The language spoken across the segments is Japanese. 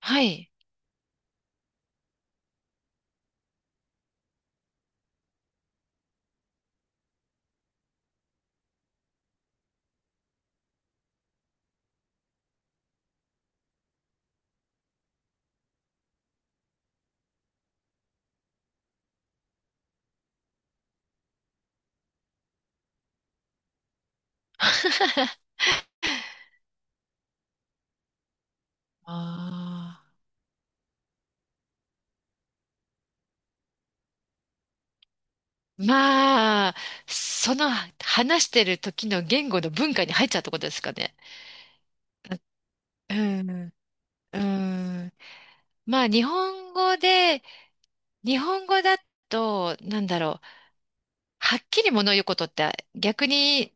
はい。あまあ、その話してる時の言語の文化に入っちゃうってことですかね。うん、うん。まあ、日本語だと、なんだろう、はっきり物を言うことって逆に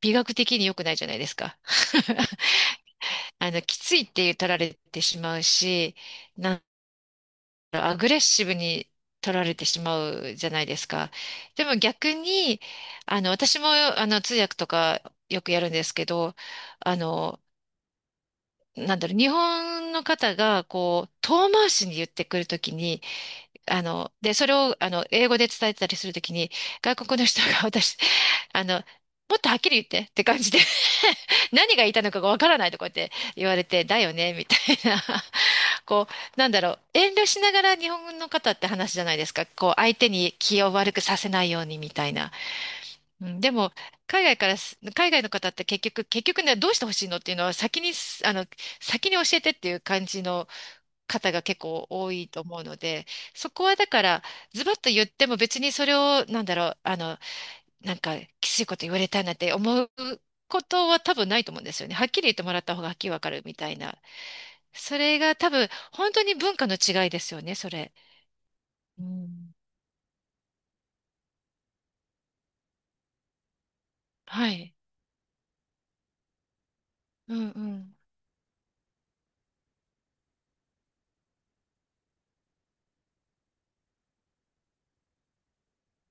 美学的に良くないじゃないですか。きついって取られてしまうし、なアグレッシブに取られてしまうじゃないですか。でも逆に、私も、通訳とかよくやるんですけど、あの、なんだろう、日本の方が、こう、遠回しに言ってくるときに、で、それを、英語で伝えてたりするときに、外国の人が私あの、もっとはっきり言ってって感じで 何が言いたいのかがわからないとこうやって言われて、だよねみたいな。 こう、なんだろう、遠慮しながら日本の方って話じゃないですか。こう、相手に気を悪くさせないようにみたいな。うん、でも、海外からす、海外の方って結局ね、どうしてほしいのっていうのは先にす、あの、先に教えてっていう感じの方が結構多いと思うので、そこはだから、ズバッと言っても別にそれを、なんだろう、なんかきついこと言われたいなって思うことは多分ないと思うんですよね。はっきり言ってもらった方がはっきりわかるみたいな。それが多分本当に文化の違いですよね、それ。うん。はい。うんうん。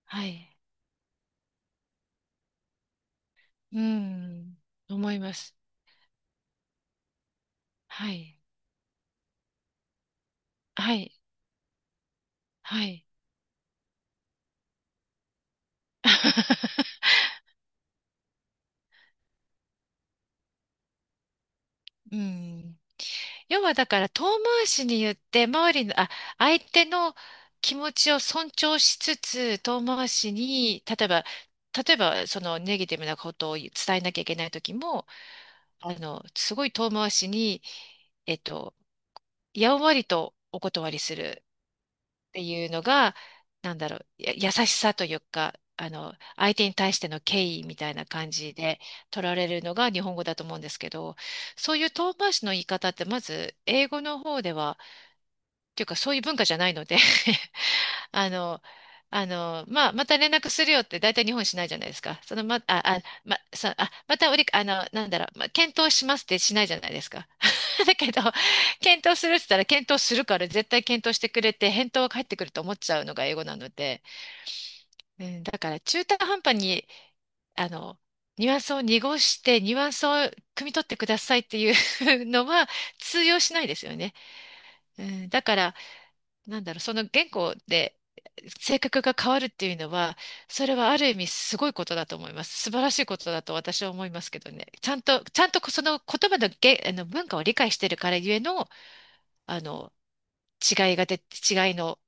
はい。うん。思います。はい。はい。はい。うん。要はだから遠回しに言って周りの、あ、相手の気持ちを尊重しつつ遠回しに、例えばそのネガティブなことを伝えなきゃいけない時も、すごい遠回しに、えっと、やんわりとお断りするっていうのが、なんだろう、優しさというか、相手に対しての敬意みたいな感じで取られるのが日本語だと思うんですけど、そういう遠回しの言い方ってまず英語の方では、っていうかそういう文化じゃないので あの、まあ、また連絡するよって大体日本しないじゃないですか。そのま、あ、あ、ま、さ、あ、またおり、あの、なんだろう、検討しますってしないじゃないですか。だけど、検討するって言ったら、検討するから絶対検討してくれて、返答が返ってくると思っちゃうのが英語なので、うん、だから中途半端に、あの、ニュアンスを濁して、ニュアンスを汲み取ってくださいっていう のは通用しないですよね。うん、だから、なんだろう、その言語で性格が変わるっていうのは、それはある意味すごいことだと思います。素晴らしいことだと私は思いますけどね。ちゃんとその言葉のげ、あの文化を理解してるからゆえの、あの、違いが出て、違いの、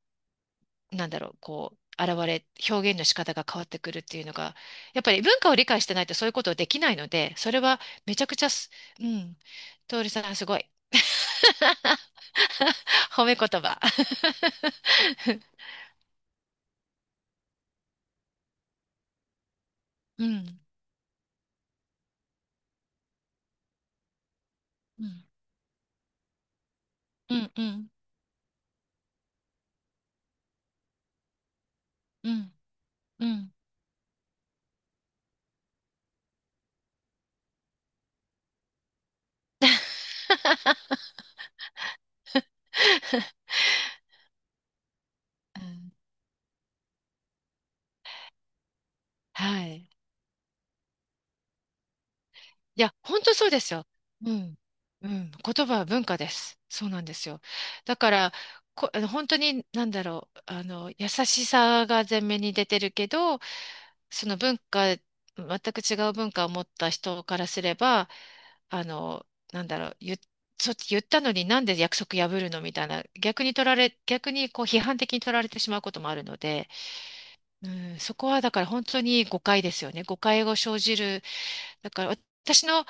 なんだろう、こう、表現の仕方が変わってくるっていうのが、やっぱり文化を理解してないとそういうことできないので、それはめちゃくちゃす、うん、徹さんすごい。褒め言葉。うん、うん、うん、うん、うん、うん。うん、はい。いや、本当そうですよ。うん。うん。言葉は文化です。そうなんですよ。だから、こ、あの本当に、なんだろう、優しさが前面に出てるけど、その文化、全く違う文化を持った人からすれば、あの、なんだろう、言ったのになんで約束破るのみたいな、逆に取られ、逆にこう批判的に取られてしまうこともあるので、うん、そこはだから本当に誤解ですよね。誤解を生じるだから私の、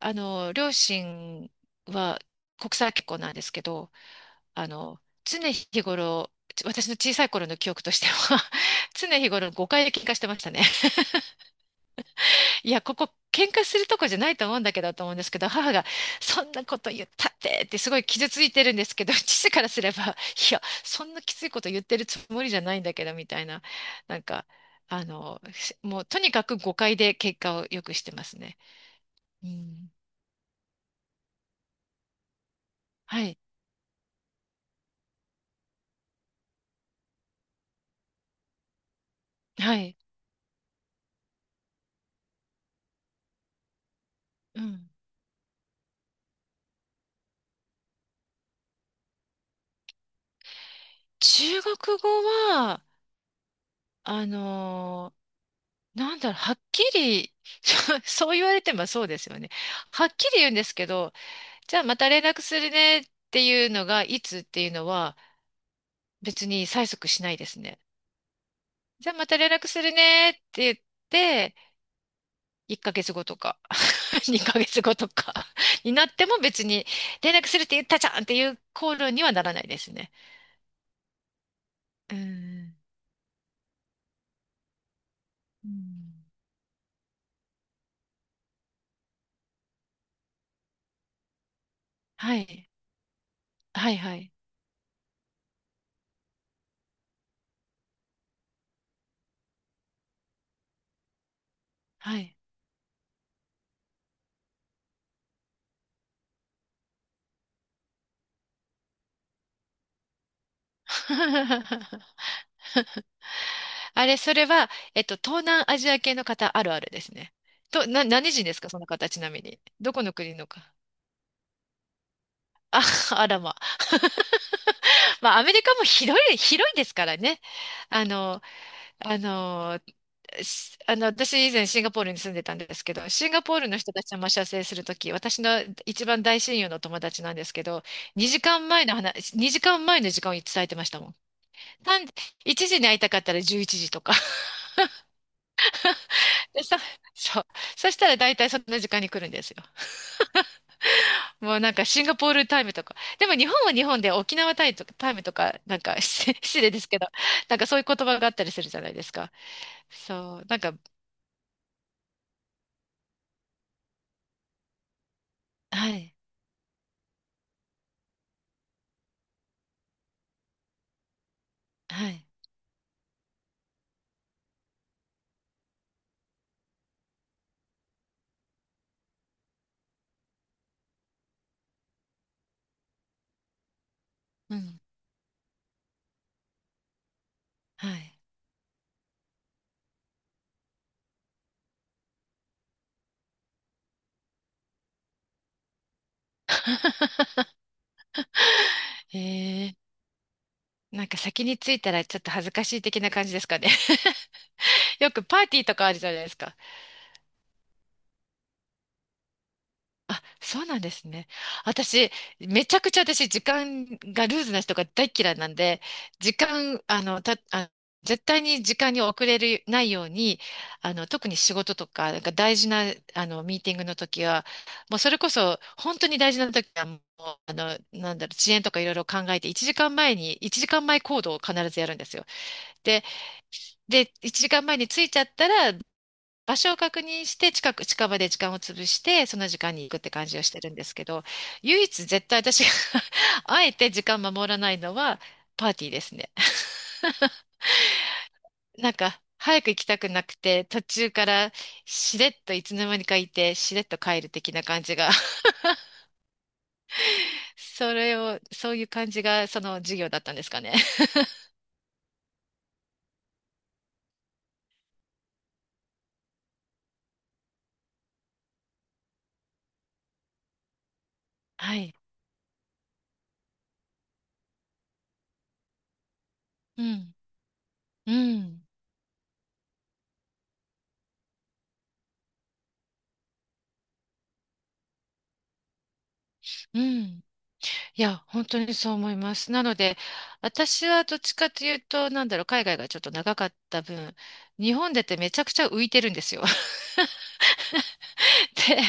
あの両親は国際結婚なんですけど、常日頃、私の小さい頃の記憶としては 常日頃誤解で喧嘩してましたね。いや、ここ喧嘩するとこじゃないと思うんだけどと思うんですけど、母がそんなこと言ったってってすごい傷ついてるんですけど、父からすれば、いや、そんなきついこと言ってるつもりじゃないんだけどみたいな、なんか、もうとにかく誤解で結果をよくしてますね。うん。はい。はい。うん。中国語は、あのーなんだろう、はっきり、そうそう言われてもそうですよね。はっきり言うんですけど、じゃあまた連絡するねっていうのが、いつっていうのは別に催促しないですね。じゃあまた連絡するねって言って、1ヶ月後とか、2ヶ月後とか になっても別に、連絡するって言ったじゃんっていう口論にはならないですね。うん。うん、はい。はいはい。はい。あれ、それは、東南アジア系の方あるあるですね。何人ですか、その方、ちなみに。どこの国のか。あ、あらま。まあ、アメリカも広い、広いですからね。あの、あの、すあの、私以前シンガポールに住んでたんですけど、シンガポールの人たちが待ち合わせするとき、私の一番大親友の友達なんですけど、2時間前の話、2時間前の時間を伝えてましたもん。単1時に会いたかったら11時とか。で、さ、そう。そしたら大体その時間に来るんですよ。もうなんかシンガポールタイムとか。でも日本は日本で沖縄タイとか、タイムとか、なんか 失礼ですけど、なんかそういう言葉があったりするじゃないですか。そう。なんか、はい。はい。うん。はい。へえ、なんか先に着いたらちょっと恥ずかしい的な感じですかね。よくパーティーとかあるじゃないですか。あ、そうなんですね。私、めちゃくちゃ私、時間がルーズな人が大っ嫌いなんで、時間、あの、た、あ、絶対に時間に遅れるないように、特に仕事とか、なんか大事な、ミーティングの時は、もうそれこそ、本当に大事な時は、もう、なんだろう、遅延とかいろいろ考えて、1時間前に、1時間前行動を必ずやるんですよ。で、1時間前に着いちゃったら、場所を確認して近場で時間を潰して、その時間に行くって感じをしてるんですけど、唯一絶対私が あえて時間守らないのはパーティーですね。なんか、早く行きたくなくて、途中からしれっといつの間にかいて、しれっと帰る的な感じが それを、そういう感じがその授業だったんですかね。はい。うん。うん。うん。いや、本当にそう思います。なので、私はどっちかというと、なんだろう、海外がちょっと長かった分、日本でってめちゃくちゃ浮いてるんですよ。で、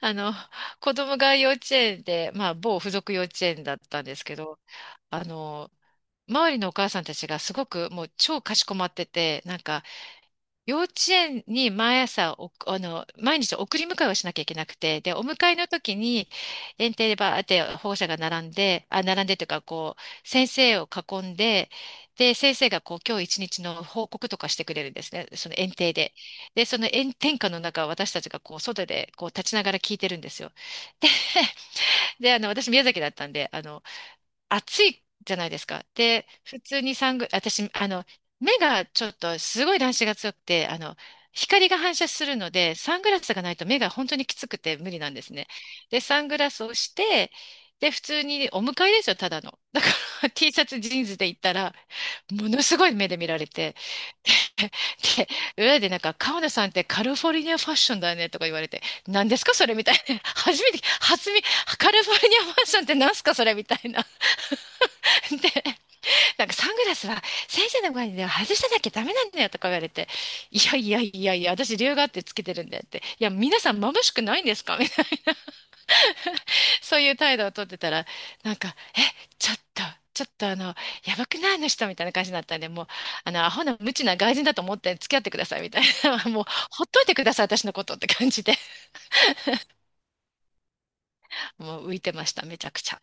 あの、子供が幼稚園で、まあ、某付属幼稚園だったんですけど、あの、周りのお母さんたちがすごくもう超かしこまってて、なんか、幼稚園に毎朝お、あの、毎日送り迎えをしなきゃいけなくて、で、お迎えの時に、園庭でバーって保護者が並んで、あ、並んでというか、こう、先生を囲んで、で、先生がこう、今日一日の報告とかしてくれるんですね、その園庭で。で、その炎天下の中、私たちがこう、外でこう、立ちながら聞いてるんですよ。で、で、私宮崎だったんで、暑いじゃないですか。で、普通にサング、私、目がちょっとすごい乱視が強くて、光が反射するので、サングラスがないと目が本当にきつくて無理なんですね。で、サングラスをして、で、普通にお迎えですよ、ただの。だから T シャツ、ジーンズで行ったら、ものすごい目で見られて、で、裏でなんか、川野さんってカリフォルニアファッションだねとか言われて、何ですかそれみたいな。初めて、初め、カリフォルニアファッションって何すかそれみたいな。でなんかサングラスは先生の前では外しただけダメなんだよとか言われて、いやいやいやいや、私理由があってつけてるんだよって、いや、皆さん眩しくないんですかみたいな、そういう態度をとってたら、なんか、ちょっと、ちょっとやばくないあの人みたいな感じになったんで、もう、アホな無知な外人だと思って付き合ってくださいみたいな、もう、ほっといてください、私のことって感じで、もう浮いてました、めちゃくちゃ。